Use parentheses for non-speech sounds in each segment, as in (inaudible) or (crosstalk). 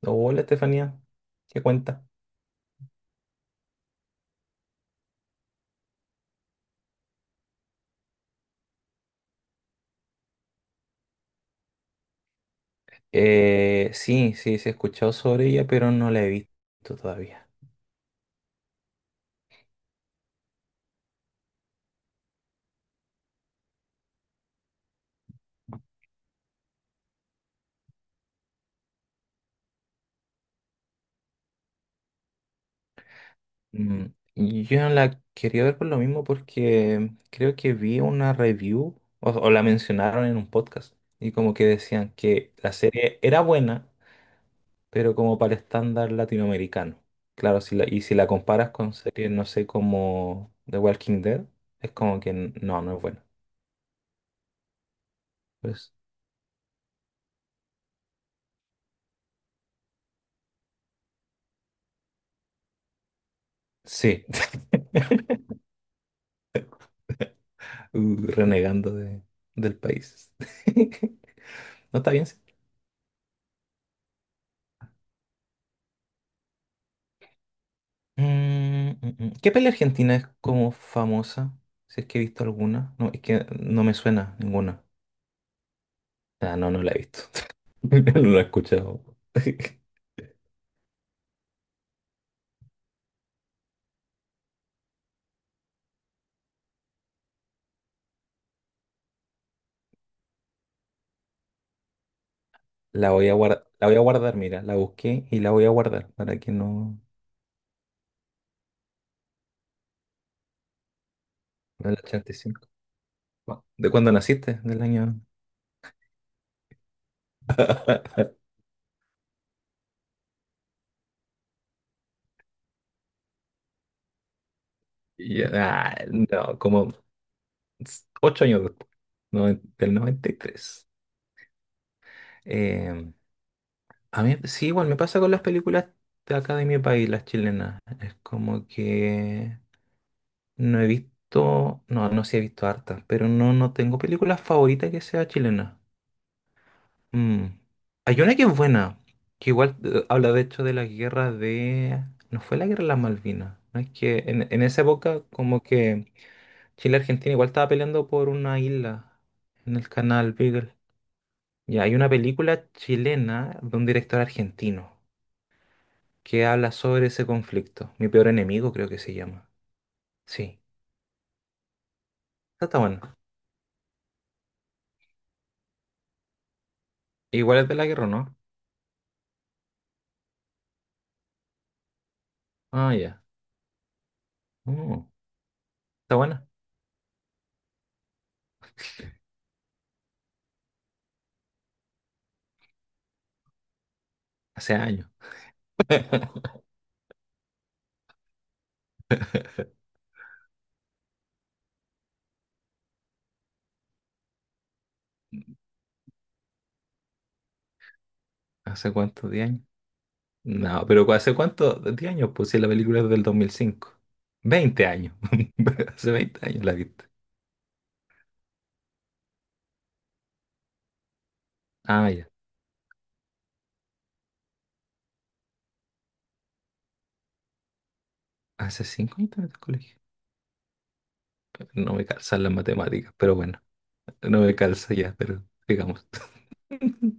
No, hola, Estefanía. ¿Qué cuenta? Sí, he escuchado sobre ella, pero no la he visto todavía. Mm, yo no la quería ver por lo mismo, porque creo que vi una review o la mencionaron en un podcast, y como que decían que la serie era buena, pero como para el estándar latinoamericano. Claro, y si la comparas con series, no sé, como The Walking Dead, es como que no es buena. Pues sí. (laughs) Renegando del país. (laughs) No, está bien, sí. Mm. ¿Qué peli argentina es como famosa? Si es que he visto alguna. No, es que no me suena ninguna. Ah, no, no la he visto. (laughs) No la he escuchado. (laughs) La voy a guardar, la voy a guardar, mira, la busqué y la voy a guardar para que no... Del 85. ¿De cuándo naciste? Del año... (laughs) Y yo, ah, no, como 8 años después, no, del 93. Em, A mí, sí, igual me pasa con las películas de acá de mi país, las chilenas. Es como que no, sí he visto hartas, pero no, no tengo película favorita que sea chilena. Mm. Hay una que es buena, que igual habla de hecho de la guerra de... No fue la guerra de las Malvinas, ¿no? Es que en esa época como que Chile y Argentina igual estaba peleando por una isla en el canal Beagle. Y hay una película chilena de un director argentino que habla sobre ese conflicto. Mi peor enemigo, creo que se llama. Sí. Está bueno. Igual es de la guerra, ¿no? Ah, ya. Mm, está buena. Hace años. (laughs) ¿Hace cuántos? ¿10 años? No, pero ¿hace cuántos? ¿10 años? Pues si la película es del 2005. 20 años. (laughs) Hace 20 años la viste. Ah, ya. Hace 5 años estaba en el colegio. No me calzan las matemáticas, pero bueno, no me calza ya, pero digamos. (laughs)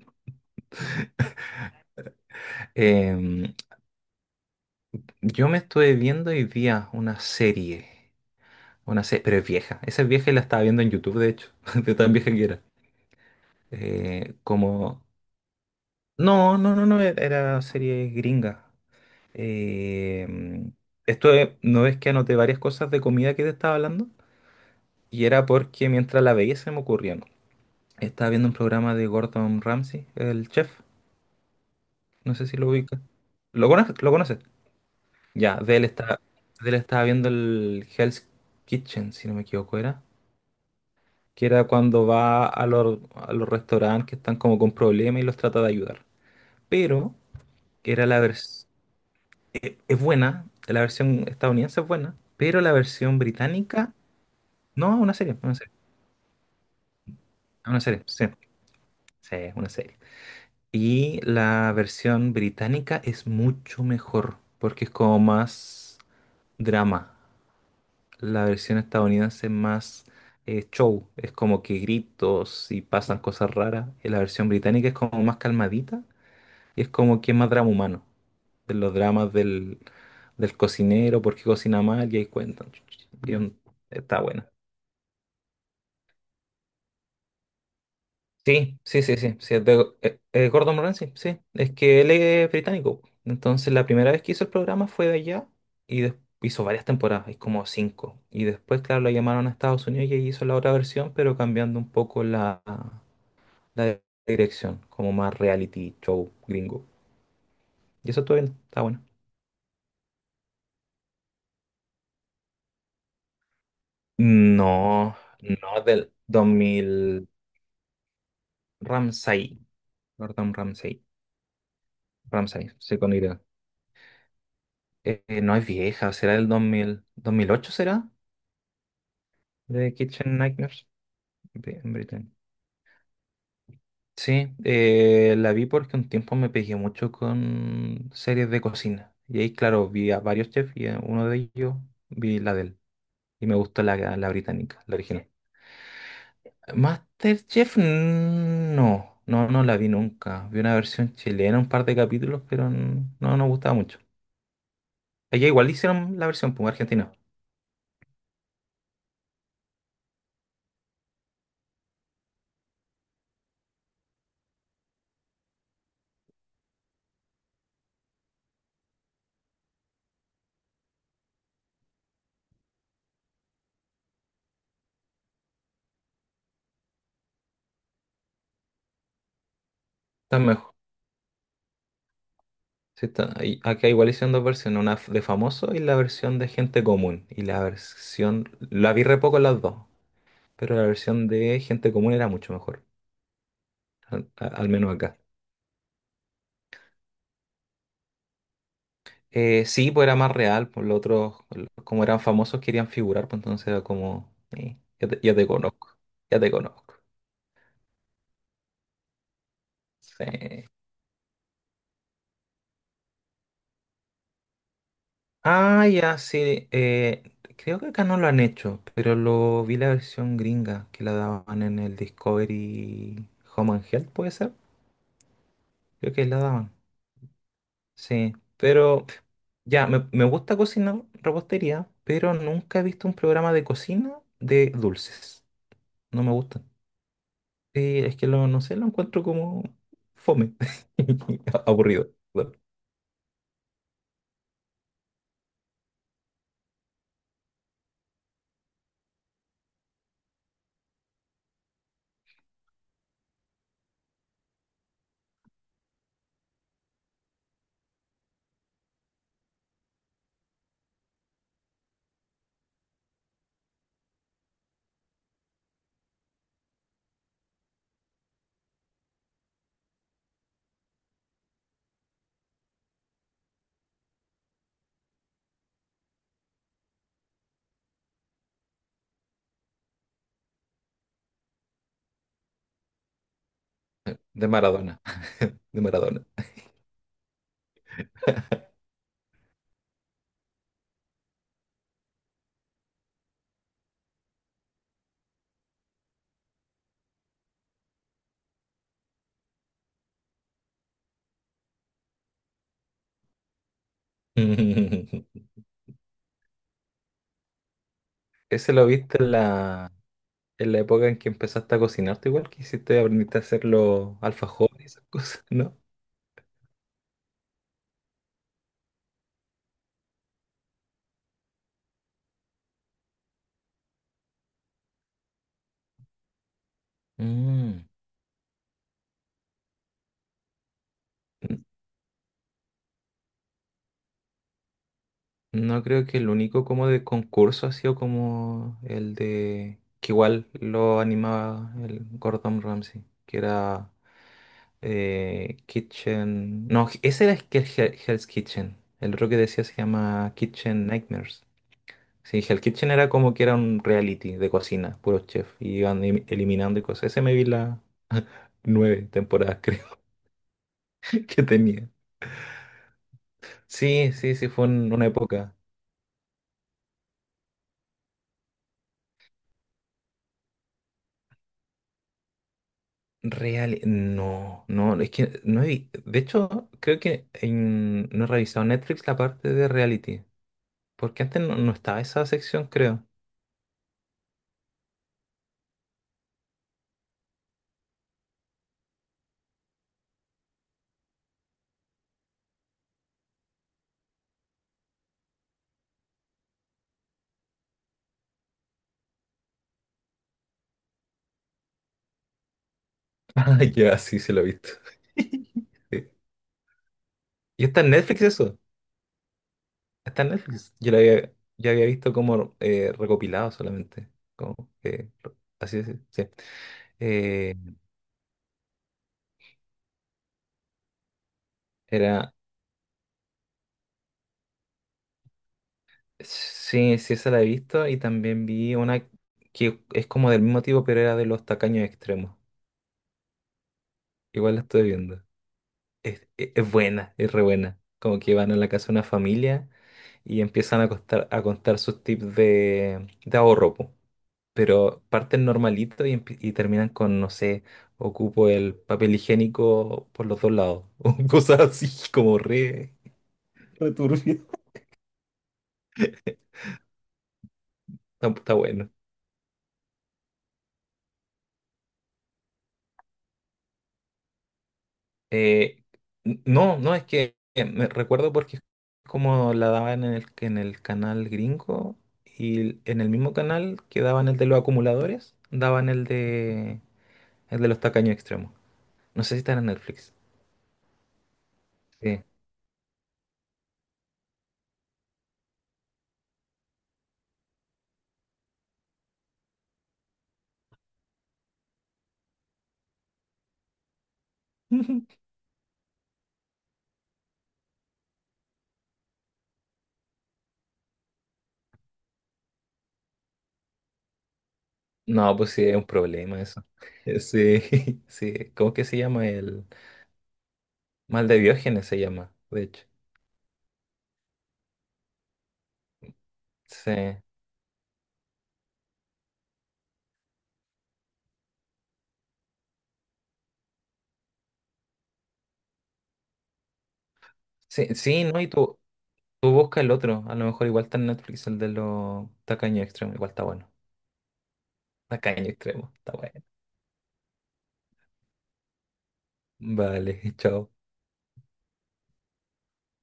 Em, yo me estuve viendo hoy día una serie. Una, no sé, pero es vieja. Esa es vieja y la estaba viendo en YouTube, de hecho, (laughs) de tan vieja que era. Eh, como... No, no, no, no, era serie gringa. Eh, mm, esto es, no, es que anoté varias cosas de comida que te estaba hablando, y era porque mientras la veía se me ocurrían. Estaba viendo un programa de Gordon Ramsay, el chef, no sé si lo ubica. ¿Lo conoces? ¿Lo conoces? Ya, de él estaba viendo el Hell's Kitchen, si no me equivoco, era. Que era cuando va a los restaurantes que están como con problemas y los trata de ayudar. Pero era la versión, es buena, la versión estadounidense es buena, pero la versión británica, no, una serie, sí, sí, es una serie. Y la versión británica es mucho mejor, porque es como más drama. La versión estadounidense es más show, es como que gritos y pasan cosas raras. Y la versión británica es como más calmadita, y es como que es más drama humano. De los dramas del cocinero, por qué cocina mal, y ahí cuentan. Y un- Está buena. Sí, sí, sí, sí, sí, es de, Gordon Ramsay, sí, sí. Es que él es británico. Entonces la primera vez que hizo el programa fue de allá, y des- hizo varias temporadas, hay como 5. Y después, claro, lo llamaron a Estados Unidos y ahí hizo la otra versión, pero cambiando un poco la dirección, como más reality show gringo. Y eso, todo bien, está bueno. No, no, del dos mil Ramsay, Gordon Ramsay. Ramsay, sí, con Y. No es vieja, será del 2008, ¿será? De Kitchen Nightmares, en Britain. Sí, la vi porque un tiempo me pegué mucho con series de cocina. Y ahí, claro, vi a varios chefs y a uno de ellos vi la de él. Y me gustó la británica, la original. MasterChef, no, no, no la vi nunca. Vi una versión chilena, un par de capítulos, pero no nos gustaba mucho. Allá igual hicieron la versión, pues, argentina. Está mejor. Sí, y acá igual hicieron dos versiones, una de famoso y la versión de gente común. Y la versión, la vi re poco las dos, pero la versión de gente común era mucho mejor, al menos acá. Sí, pues era más real, pues los otros, como eran famosos, querían figurar, pues entonces era como, ya te conozco, ya te conozco. Sí. Ah, ya, sí, creo que acá no lo han hecho, pero lo vi la versión gringa, que la daban en el Discovery Home and Health, ¿puede ser? Creo que la daban. Sí. Pero ya, me gusta cocinar repostería, pero nunca he visto un programa de cocina de dulces. No me gustan. Sí, es que lo, no sé, lo encuentro como fome. (laughs) Aburrido. Bueno, de Maradona. (laughs) De Maradona. (laughs) Ese lo viste en la época en que empezaste a cocinarte, igual que hiciste, aprendiste a hacer los alfajores y esas cosas, ¿no? Mm, n- no creo. Que el único como de concurso ha sido como el de que igual lo animaba el Gordon Ramsay, que era Kitchen. No, ese era el que Hell's Kitchen. El otro que decía se llama Kitchen Nightmares. Sí, Hell Kitchen era como que era un reality de cocina, puros chefs, y iban eliminando y cosas. Ese me vi las (laughs) 9 temporadas, creo, (laughs) que tenía. Sí, sí, sí, fue en una época. Real, no, no, es que no he vi- de hecho, creo que no he revisado Netflix la parte de reality, porque antes no, no estaba esa sección, creo. (laughs) Ah, ya, sí, se lo he visto. (laughs) Sí. ¿Y está en Netflix eso? Está en Netflix. Yo había visto como recopilado solamente. Como que, así es, sí, sí. Eh, era, sí, sí, esa la he visto, y también vi una que es como del mismo tipo, pero era de los tacaños extremos. Igual la estoy viendo. Es buena, es re buena. Como que van a la casa de una familia y empiezan a contar sus tips de ahorro, po. Pero parten normalito y, y terminan con, no sé, ocupo el papel higiénico por los dos lados, (laughs) o cosas así como re... Re turbio. Está, está bueno. Eh, no, no, es que me recuerdo porque es como la daban en el canal gringo, y en el mismo canal que daban el de los acumuladores, daban el de los tacaños extremos. No sé si está en Netflix. Sí. (laughs) No, pues sí, es un problema eso. (laughs) Sí, (laughs) sí. ¿Cómo que se llama? El mal de Diógenes se llama, de hecho. Sí, sí, sí, ¿no? Y tú busca el otro. A lo mejor igual está en Netflix, el de los tacaños extremos. Igual está bueno. Tacaño extremo, está bueno. Vale, (laughs) chao.